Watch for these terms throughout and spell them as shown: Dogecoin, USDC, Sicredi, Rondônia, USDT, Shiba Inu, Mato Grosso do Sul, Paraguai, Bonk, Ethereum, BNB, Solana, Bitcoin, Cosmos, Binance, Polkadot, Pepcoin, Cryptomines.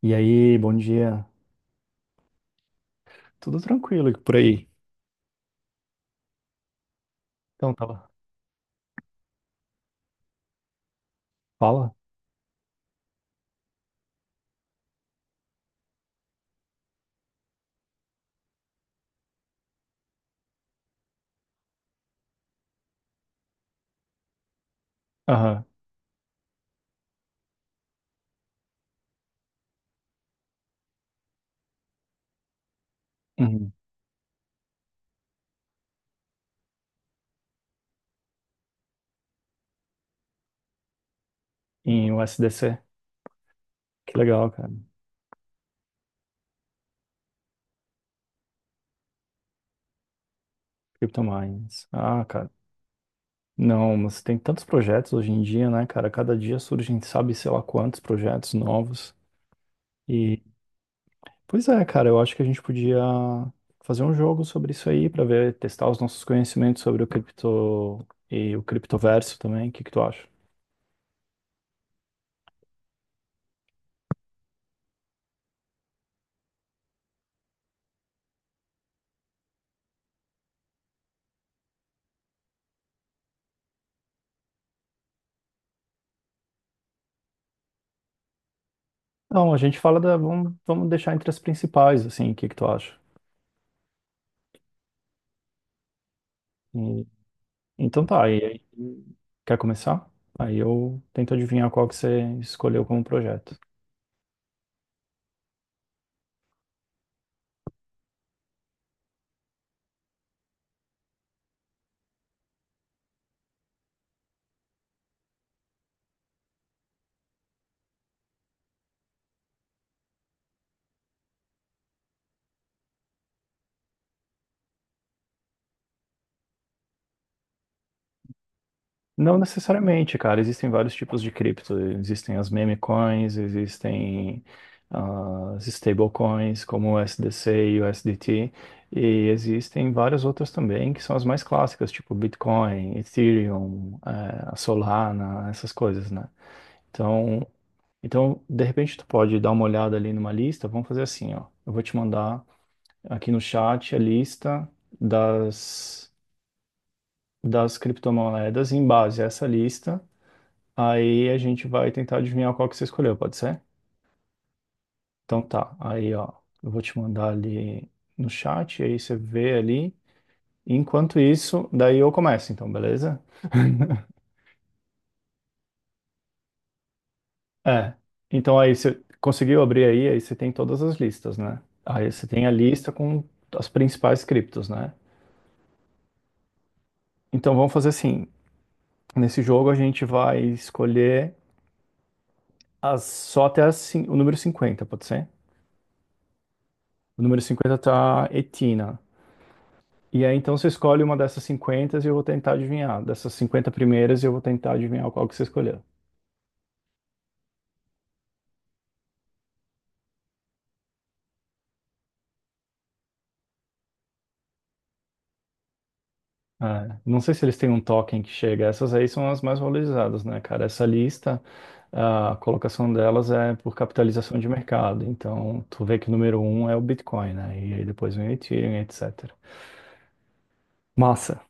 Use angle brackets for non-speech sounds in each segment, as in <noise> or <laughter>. E aí, bom dia. Tudo tranquilo e por aí? Então, tava. Fala? Aham. Uhum. Em USDC. Que legal, cara. Cryptomines. Ah, cara. Não, mas tem tantos projetos hoje em dia, né, cara? Cada dia surgem, sabe, sei lá quantos projetos novos. E, Pois é, cara, eu acho que a gente podia fazer um jogo sobre isso aí pra ver, testar os nossos conhecimentos sobre o cripto e o criptoverso também. O que que tu acha? Não, a gente fala da. Vamos deixar entre as principais, assim, o que que tu acha? Então tá, e aí, quer começar? Aí eu tento adivinhar qual que você escolheu como projeto. Não necessariamente, cara, existem vários tipos de cripto. Existem as meme coins, existem as stablecoins como o USDC e o USDT, e existem várias outras também que são as mais clássicas, tipo Bitcoin, Ethereum, a Solana, essas coisas, né? Então, então, de repente tu pode dar uma olhada ali numa lista, vamos fazer assim, ó. Eu vou te mandar aqui no chat a lista das, das criptomoedas em base a essa lista. Aí a gente vai tentar adivinhar qual que você escolheu, pode ser? Então tá, aí ó, eu vou te mandar ali no chat, aí você vê ali. Enquanto isso, daí eu começo, então, beleza? <laughs> É. Então aí você conseguiu abrir aí, aí você tem todas as listas, né? Aí você tem a lista com as principais criptos, né? Então vamos fazer assim. Nesse jogo a gente vai escolher só até o número 50, pode ser? O número cinquenta, tá Etina. E aí, então, você escolhe uma dessas 50 e eu vou tentar adivinhar. Dessas 50 primeiras, eu vou tentar adivinhar qual que você escolheu. É, não sei se eles têm um token que chega. Essas aí são as mais valorizadas, né, cara? Essa lista, a colocação delas é por capitalização de mercado. Então, tu vê que o número um é o Bitcoin, né? E aí depois vem o Ethereum, etc. Massa.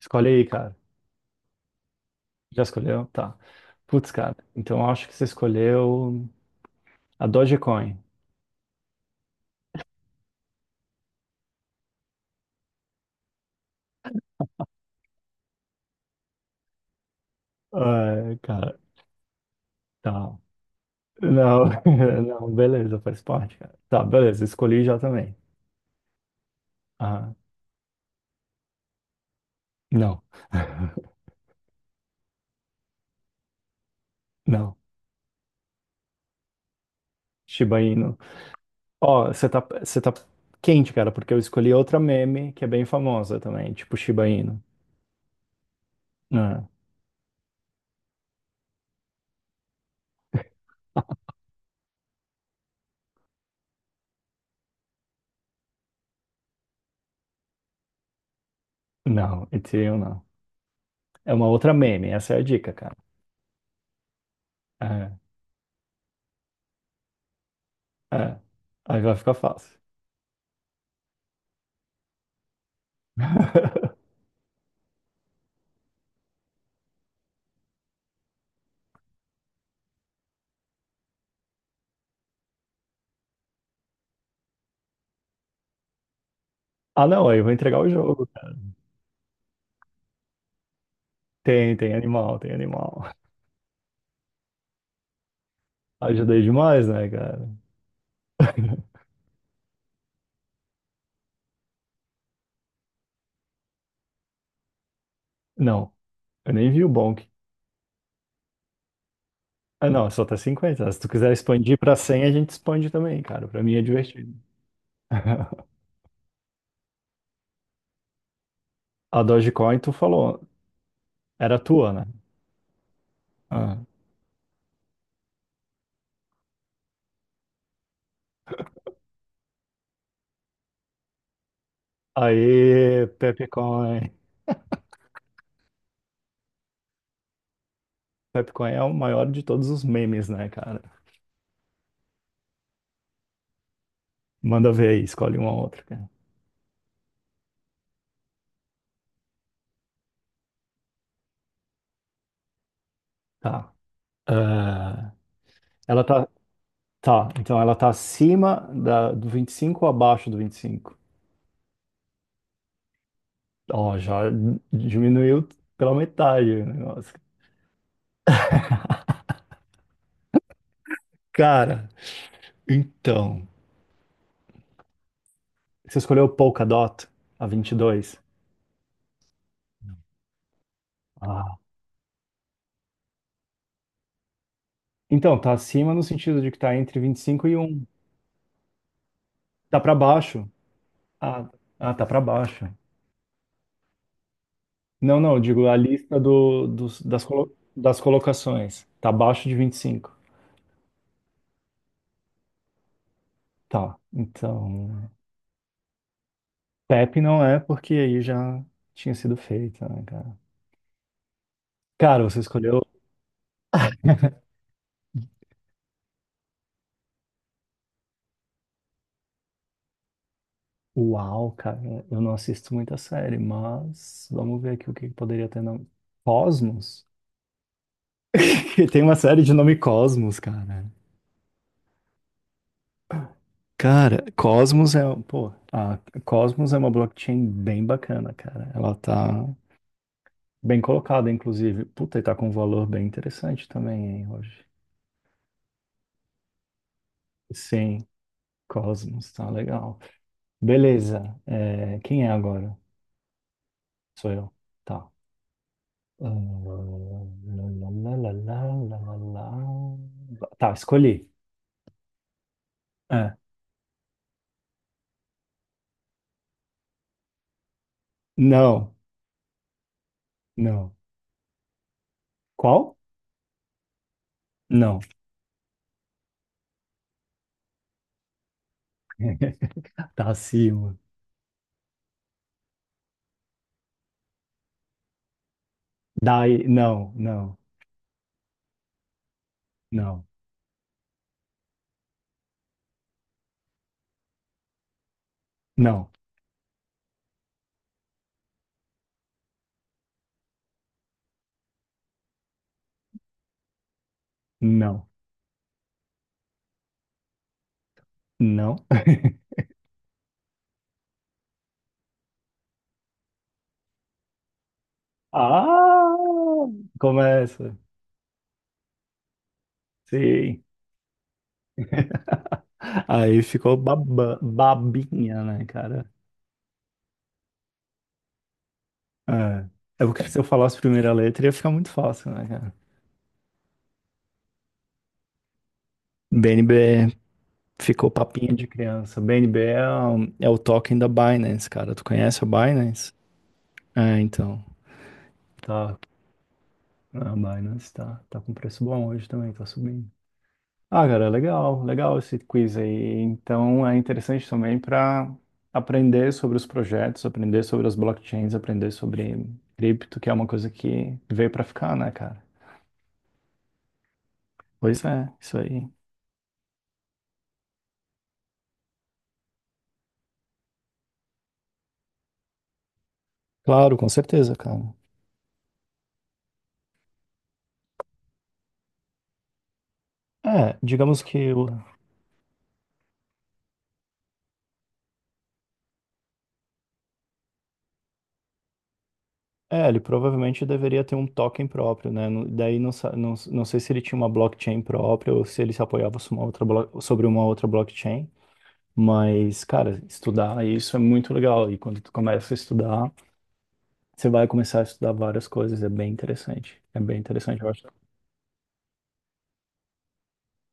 Escolhe aí, cara. Já escolheu? Tá. Putz, cara. Então, eu acho que você escolheu a Dogecoin. Ah, cara, tá. Não, <laughs> não, beleza, faz parte, cara. Tá, beleza, escolhi já também. Ah, não, <laughs> não. Shiba Inu. Ó, você tá quente, cara, porque eu escolhi outra meme que é bem famosa também, tipo Shiba Inu. Ah, não, Ethereum não. É uma outra meme, essa é a dica, cara. É, é. Aí vai ficar fácil. <laughs> Ah, não, aí eu vou entregar o jogo, cara. Tem animal, tem animal. Ajudei demais, né, cara? <laughs> Não, eu nem vi o Bonk. Ah, não, só tá 50. Se tu quiser expandir pra 100, a gente expande também, cara. Pra mim é divertido. <laughs> A Dogecoin, tu falou, era tua, né? Ah. Aí, Pepcoin. Pepcoin é o maior de todos os memes, né, cara? Manda ver aí, escolhe uma ou outra, cara. Tá. Ah, ela tá. Tá, então ela tá acima da, do 25 ou abaixo do 25? Ó, já diminuiu pela metade o negócio. Cara, então, você escolheu Polkadot, a 22. Ah, então, tá acima no sentido de que tá entre 25 e 1. Tá pra baixo. Ah, ah, tá pra baixo. Não, não, eu digo a lista do, dos- das, colo- das colocações. Tá abaixo de 25. Tá, então. Pepe não é porque aí já tinha sido feita, né, cara? Cara, você escolheu. Uau, cara, eu não assisto muita série, mas vamos ver aqui o que poderia ter nome. Cosmos? <laughs> Tem uma série de nome Cosmos, cara. Cara, Cosmos é, pô, a Cosmos é uma blockchain bem bacana, cara. Ela tá bem colocada, inclusive. Puta, e tá com um valor bem interessante também, hein, hoje. Sim, Cosmos, tá legal. Beleza. É, quem é agora? Sou eu. Tá. Ah, lá, lá, lá, lá, lá, lá, lá. Tá, escolhi. É. Não, não. Qual? Não. <laughs> Tá acima. Dai, não, não, não, não, não. Não. <laughs> Ah, começa. Sim. <laughs> Aí ficou babinha, né, cara? É. É porque se eu falasse a primeira letra ia ficar muito fácil, né, cara? BNB ficou papinha de criança. BNB é, é o token da Binance, cara. Tu conhece a Binance? É, então. Tá. A Binance tá com preço bom hoje também, tá subindo. Ah, cara, legal, legal esse quiz aí. Então é interessante também para aprender sobre os projetos, aprender sobre as blockchains, aprender sobre cripto, que é uma coisa que veio para ficar, né, cara? Pois é, isso aí. Claro, com certeza, cara. É, digamos que ele provavelmente deveria ter um token próprio, né? Daí não, não sei se ele tinha uma blockchain própria ou se ele se apoiava sobre uma outra blockchain. Mas, cara, estudar isso é muito legal. E quando tu começa a estudar, você vai começar a estudar várias coisas, é bem interessante. É bem interessante, eu acho.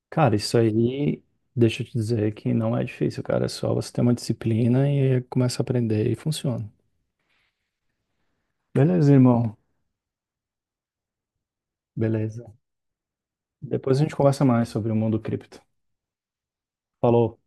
Cara, isso aí, deixa eu te dizer que não é difícil, cara. É só você ter uma disciplina e começa a aprender e funciona. Beleza, irmão. Beleza. Depois a gente conversa mais sobre o mundo cripto. Falou.